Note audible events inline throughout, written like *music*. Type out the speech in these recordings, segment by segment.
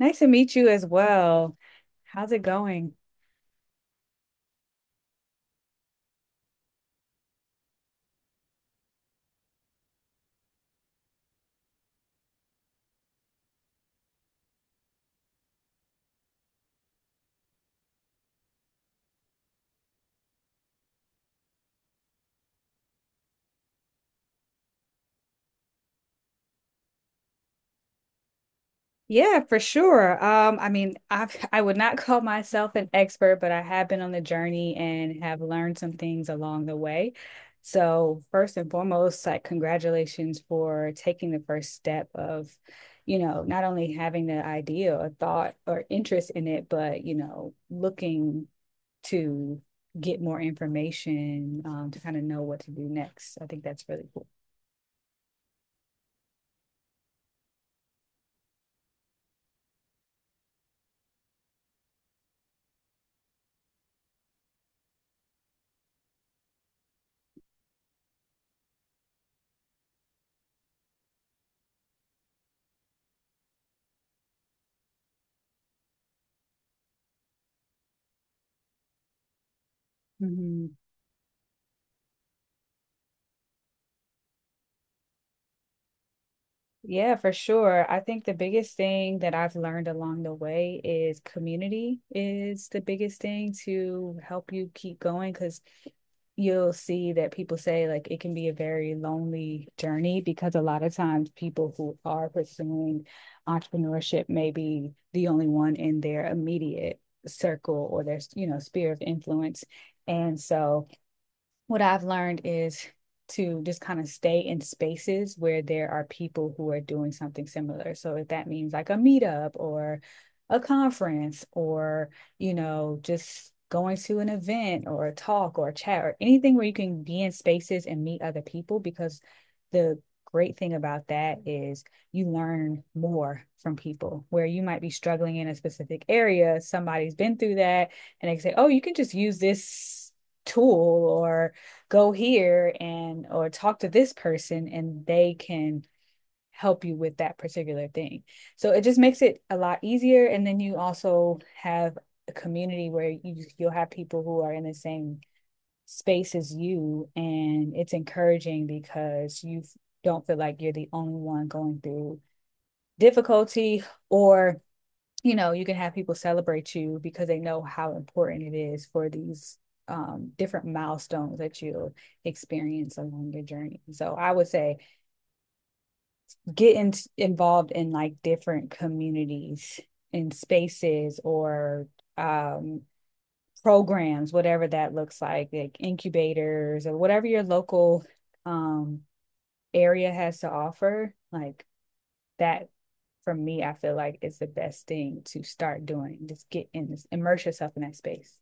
Nice to meet you as well. How's it going? Yeah, for sure. I mean, I've *laughs* I would not *laughs* call myself an expert, but I have been on the journey and have learned some things along the way. So first and foremost, like congratulations for taking the first step of, you know, not only having the idea or thought or interest in it, but, you know, looking to get more information, to kind of know what to do next. I think that's really cool. Mhm. Yeah, for sure. I think the biggest thing that I've learned along the way is community is the biggest thing to help you keep going because you'll see that people say like it can be a very lonely journey because a lot of times people who are pursuing entrepreneurship may be the only one in their immediate circle or their, you know, sphere of influence. And so what I've learned is to just kind of stay in spaces where there are people who are doing something similar. So if that means like a meetup or a conference or, you know, just going to an event or a talk or a chat or anything where you can be in spaces and meet other people because the great thing about that is you learn more from people where you might be struggling in a specific area, somebody's been through that and they say, oh, you can just use this tool or go here, and or talk to this person and they can help you with that particular thing. So it just makes it a lot easier, and then you also have a community where you'll have people who are in the same space as you, and it's encouraging because you don't feel like you're the only one going through difficulty, or you know, you can have people celebrate you because they know how important it is for these different milestones that you'll experience along your journey. So I would say involved in like different communities and spaces or um, programs, whatever that looks like incubators or whatever your local um, area has to offer. Like that, for me, I feel like it's the best thing to start doing. Just get in this, immerse yourself in that space.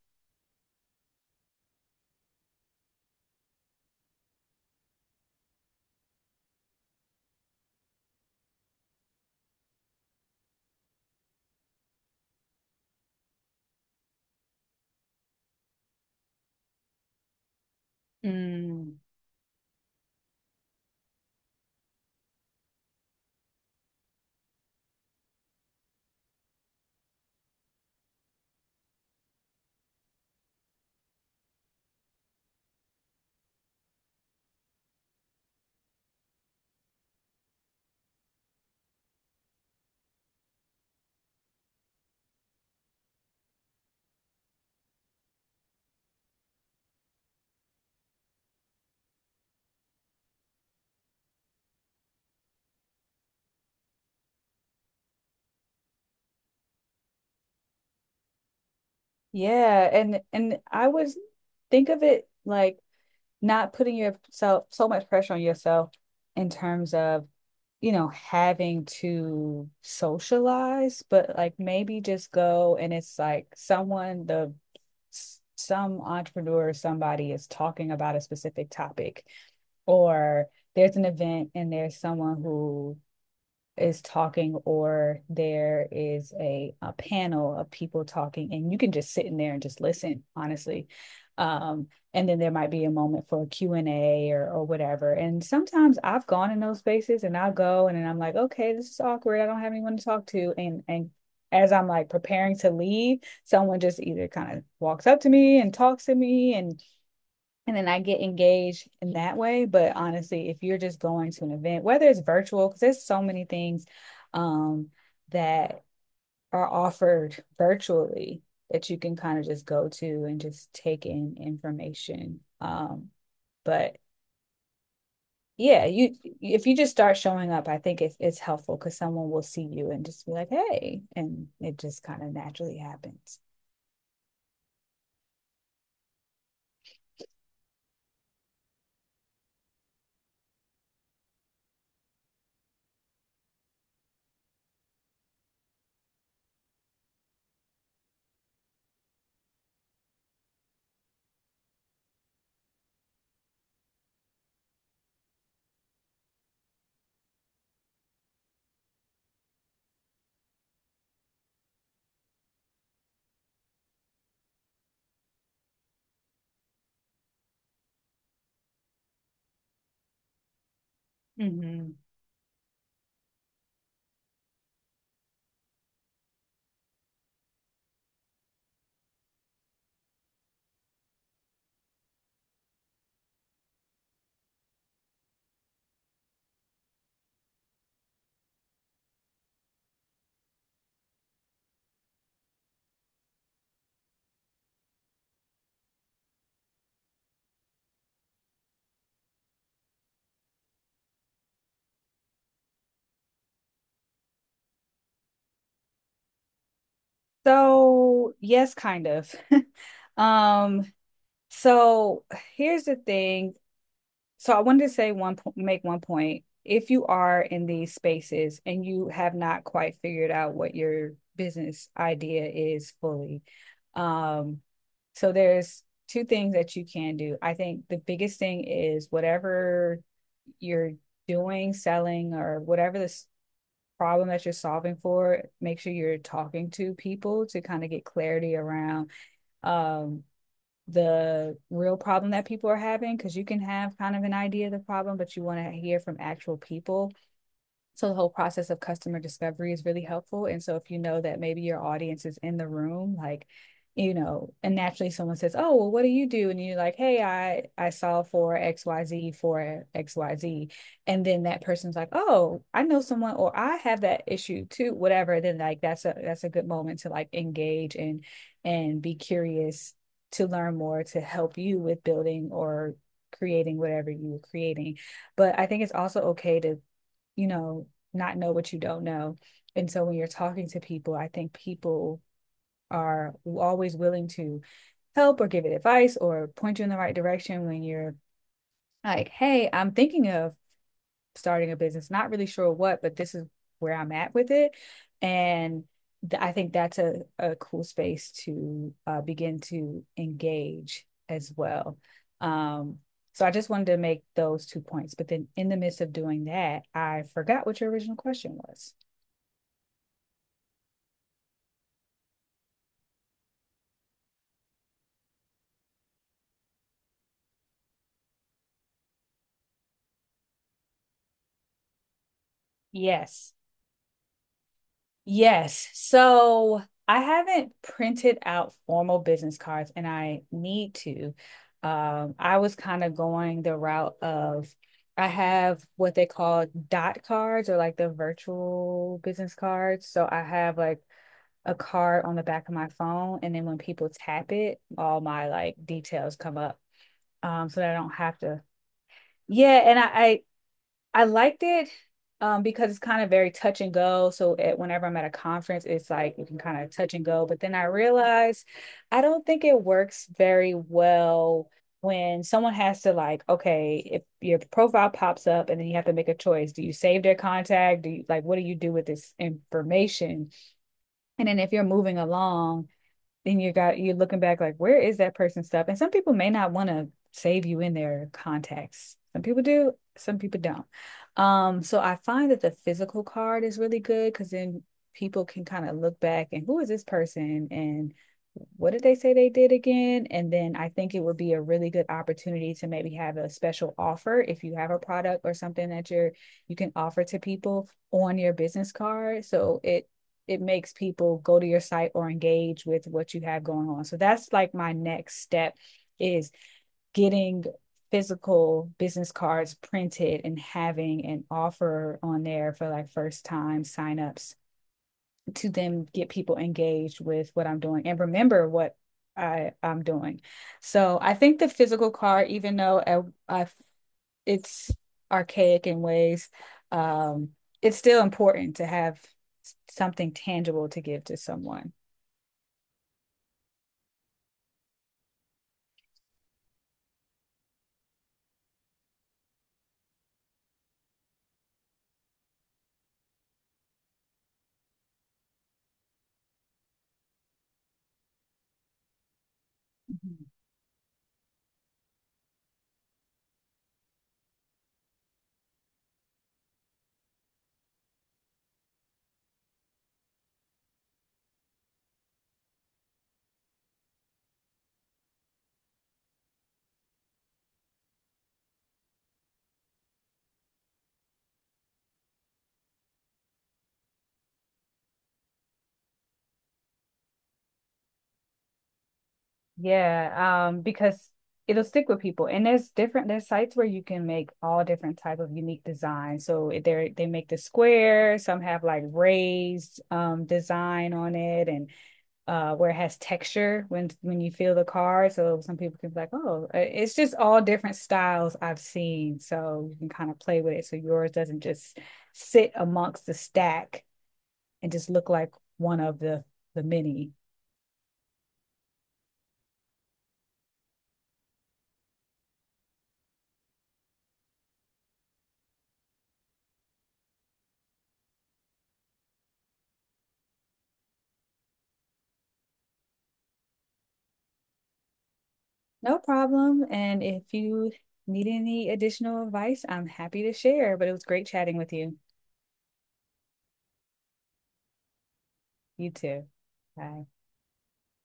Mm. Yeah, and I was think of it like not putting yourself so much pressure on yourself in terms of, you know, having to socialize, but like maybe just go, and it's like some entrepreneur or somebody is talking about a specific topic, or there's an event and there's someone who is talking, or there is a panel of people talking, and you can just sit in there and just listen honestly. And then there might be a moment for a Q and A, or whatever. And sometimes I've gone in those spaces, and I'll go and then I'm like, okay, this is awkward, I don't have anyone to talk to, and as I'm like preparing to leave, someone just either kind of walks up to me and talks to me, and then I get engaged in that way. But honestly, if you're just going to an event, whether it's virtual, because there's so many things um, that are offered virtually that you can kind of just go to and just take in information. But yeah, you if you just start showing up, I think it's helpful because someone will see you and just be like, "Hey," and it just kind of naturally happens. Mm-hmm. So yes, kind of. *laughs* um So here's the thing. So I wanted to say make one point. If you are in these spaces and you have not quite figured out what your business idea is fully, um, so there's two things that you can do. I think the biggest thing is whatever you're doing, selling, or whatever this problem that you're solving for, make sure you're talking to people to kind of get clarity around um the real problem that people are having, because you can have kind of an idea of the problem, but you want to hear from actual people. So the whole process of customer discovery is really helpful. And so if you know that maybe your audience is in the room, like, you know, and naturally someone says, "Oh, well, what do you do?" And you're like, "Hey, I saw for XYZ for XYZ." And then that person's like, "Oh, I know someone, or I have that issue too, whatever." And then like that's a good moment to like engage and be curious to learn more, to help you with building or creating whatever you were creating. But I think it's also okay to, you know, not know what you don't know. And so when you're talking to people, I think people are always willing to help or give it advice or point you in the right direction when you're like, hey, I'm thinking of starting a business, not really sure what, but this is where I'm at with it. And I think that's a cool space to begin to engage as well. Um, so I just wanted to make those two points. But then in the midst of doing that, I forgot what your original question was. Yes. Yes. So I haven't printed out formal business cards, and I need to. I was kind of going the route of I have what they call dot cards, or like the virtual business cards. So I have like a card on the back of my phone, and then when people tap it, all my like details come up. So that I don't have to. Yeah, and I liked it because it's kind of very touch and go. So whenever I'm at a conference, it's like you can kind of touch and go. But then I realized I don't think it works very well when someone has to, like, okay, if your profile pops up and then you have to make a choice, do you save their contact? Do you like what do you do with this information? And then if you're moving along, then you are looking back like, where is that person's stuff? And some people may not want to save you in their contacts, some people do, some people don't. So I find that the physical card is really good, because then people can kind of look back and, who is this person and what did they say they did again? And then I think it would be a really good opportunity to maybe have a special offer, if you have a product or something that you can offer to people on your business card, so it makes people go to your site or engage with what you have going on. So that's like my next step, is getting physical business cards printed and having an offer on there for like first time signups, to then get people engaged with what I'm doing and remember what I'm doing. So I think the physical card, even though I it's archaic in ways. Um, it's still important to have something tangible to give to someone. Mhm. Yeah, because it'll stick with people. And there's sites where you can make all different type of unique designs. So they make the square, some have like raised design on it, and where it has texture when you feel the card. So some people can be like, "Oh, it's just all different styles I've seen." So you can kind of play with it so yours doesn't just sit amongst the stack and just look like one of the many. No problem. And if you need any additional advice, I'm happy to share. But it was great chatting with you. You too. Bye.